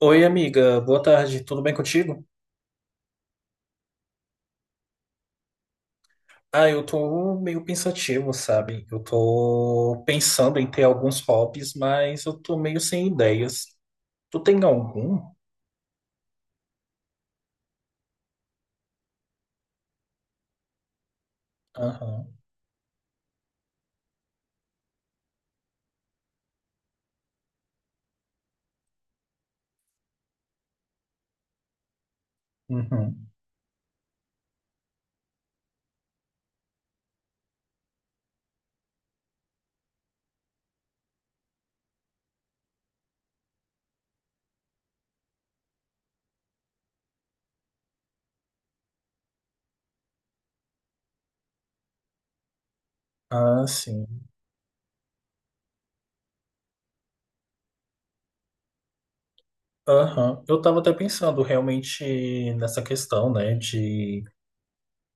Oi, amiga, boa tarde, tudo bem contigo? Ah, eu tô meio pensativo, sabe? Eu tô pensando em ter alguns hobbies, mas eu tô meio sem ideias. Tu tem algum? Aham, uhum. Ah, sim. Aham. Eu tava até pensando realmente nessa questão, né, de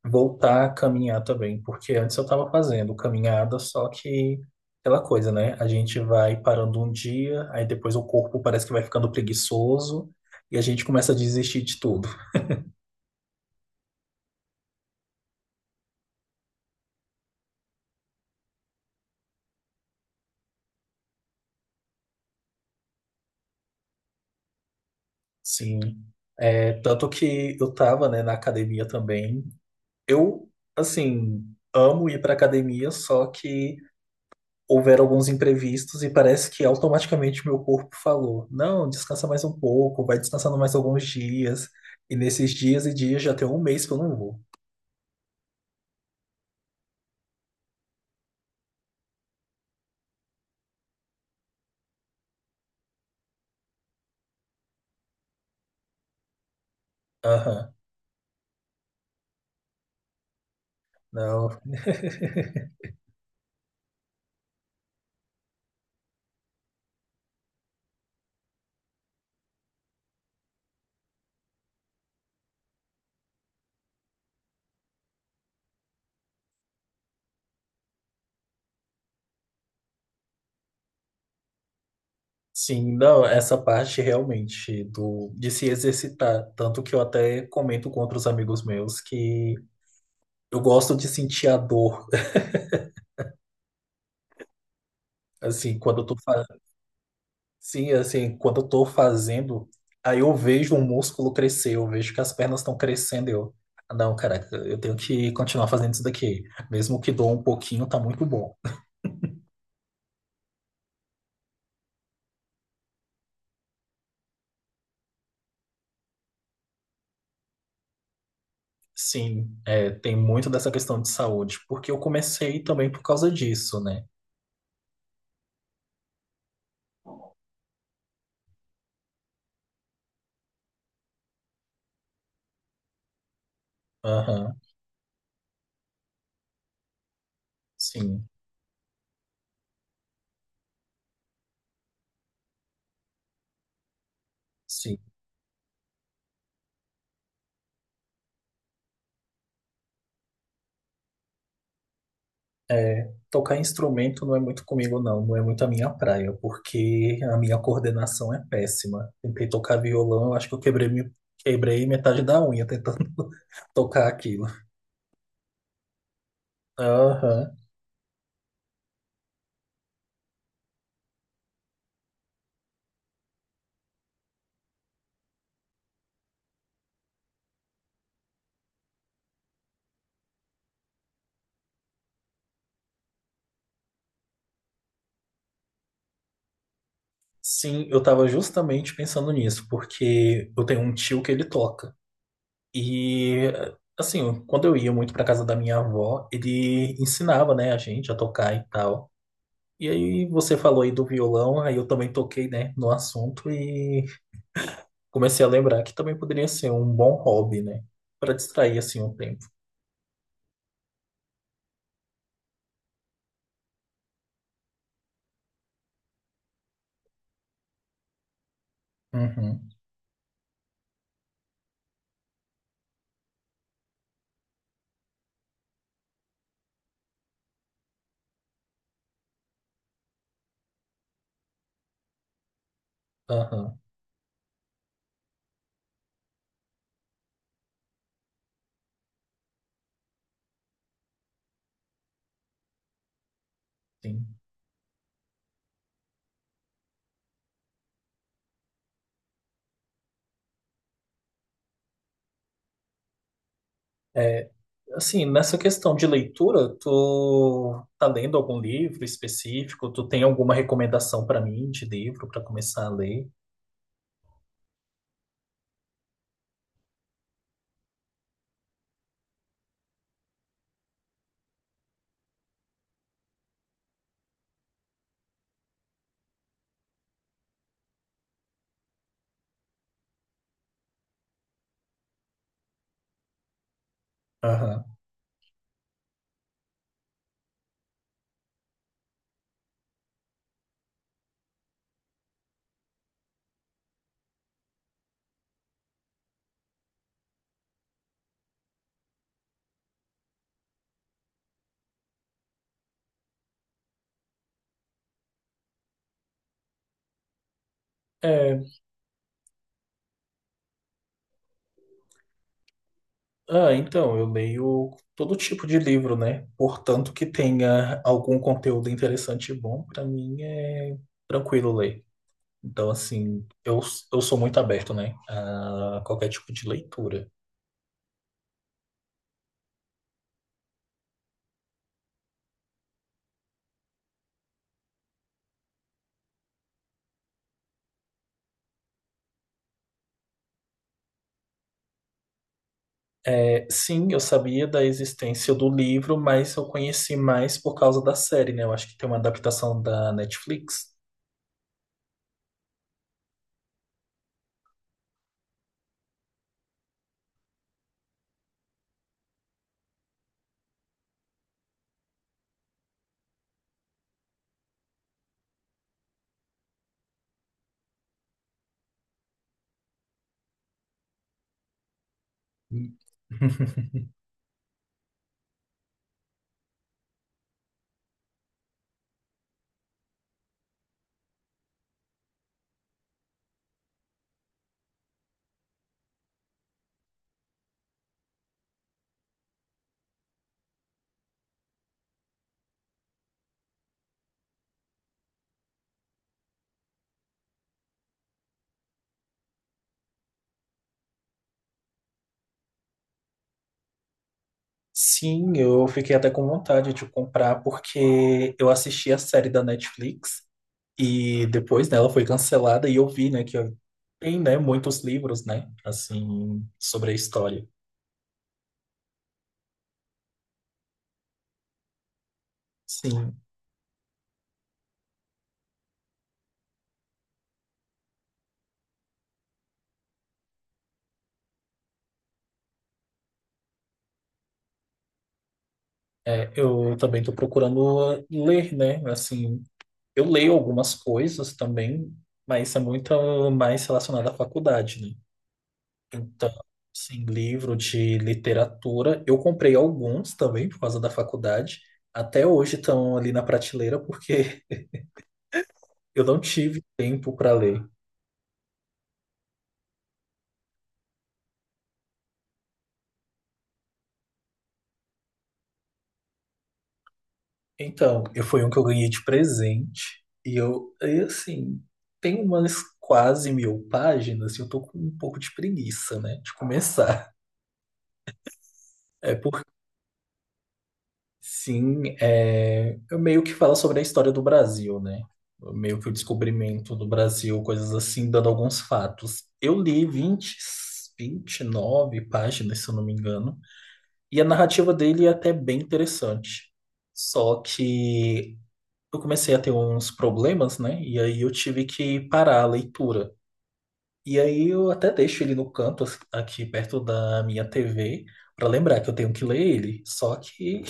voltar a caminhar também, porque antes eu estava fazendo caminhada, só que aquela coisa, né? A gente vai parando um dia, aí depois o corpo parece que vai ficando preguiçoso e a gente começa a desistir de tudo. Sim. É, tanto que eu tava, né, na academia também. Eu, assim, amo ir pra academia, só que houveram alguns imprevistos e parece que automaticamente meu corpo falou: não, descansa mais um pouco, vai descansando mais alguns dias. E nesses dias e dias já tem um mês que eu não vou. Aham, não. Sim, não, essa parte realmente do, de se exercitar. Tanto que eu até comento com outros amigos meus que eu gosto de sentir a dor, assim, quando eu tô, Sim, assim, quando eu tô fazendo, aí eu vejo o músculo crescer, eu vejo que as pernas estão crescendo, eu, "Ah, não, caraca, eu tenho que continuar fazendo isso daqui, mesmo que doa um pouquinho, tá muito bom. Sim, é, tem muito dessa questão de saúde, porque eu comecei também por causa disso, né? Aham, sim, sim. É, tocar instrumento não é muito comigo, não. Não é muito a minha praia, porque a minha coordenação é péssima. Tentei tocar violão, eu acho que eu quebrei, quebrei metade da unha tentando tocar aquilo. Aham. Sim, eu tava justamente pensando nisso, porque eu tenho um tio que ele toca. E, assim, quando eu ia muito pra casa da minha avó, ele ensinava, né, a gente a tocar e tal. E aí você falou aí do violão, aí eu também toquei, né, no assunto e comecei a lembrar que também poderia ser um bom hobby, né? Para distrair assim o tempo. Uhum, aham, sim. É, assim, nessa questão de leitura, tu tá lendo algum livro específico? Tu tem alguma recomendação para mim de livro para começar a ler? Aham. É, ah, então, eu leio todo tipo de livro, né? Portanto, que tenha algum conteúdo interessante e bom, pra mim é tranquilo ler. Então, assim, eu sou muito aberto, né? A qualquer tipo de leitura. É, sim, eu sabia da existência do livro, mas eu conheci mais por causa da série, né? Eu acho que tem uma adaptação da Netflix. Sim, eu fiquei até com vontade de comprar porque eu assisti a série da Netflix. E depois, né, ela foi cancelada e eu vi, né, que tem, né, muitos livros, né, assim, sobre a história. Sim, é, eu também estou procurando ler, né, assim, eu leio algumas coisas também, mas é muito mais relacionado à faculdade, né. Então, assim, livro de literatura, eu comprei alguns também por causa da faculdade. Até hoje estão ali na prateleira porque eu não tive tempo para ler. Então, eu foi um que eu ganhei de presente. E eu, e assim, tem umas quase 1.000 páginas e eu tô com um pouco de preguiça, né, de começar. É porque, sim, é, eu meio que fala sobre a história do Brasil, né? Meio que o descobrimento do Brasil, coisas assim, dando alguns fatos. Eu li 29 páginas, se eu não me engano, e a narrativa dele é até bem interessante. Só que eu comecei a ter uns problemas, né? E aí eu tive que parar a leitura. E aí eu até deixo ele no canto, assim, aqui perto da minha TV, para lembrar que eu tenho que ler ele. Só que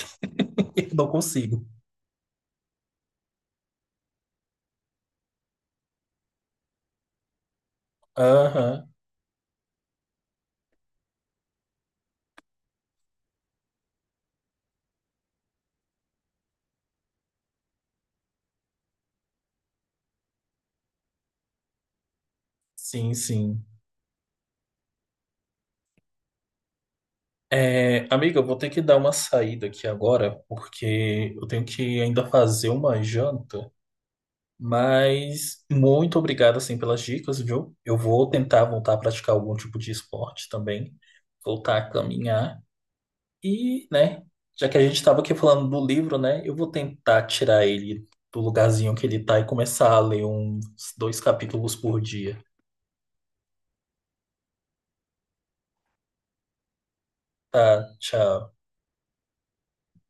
eu não consigo. Aham, sim, sim. É, amiga, eu vou ter que dar uma saída aqui agora, porque eu tenho que ainda fazer uma janta. Mas muito obrigado, assim, pelas dicas, viu? Eu vou tentar voltar a praticar algum tipo de esporte também, voltar a caminhar. E, né, já que a gente estava aqui falando do livro, né, eu vou tentar tirar ele do lugarzinho que ele tá e começar a ler uns dois capítulos por dia. Tá, tchau.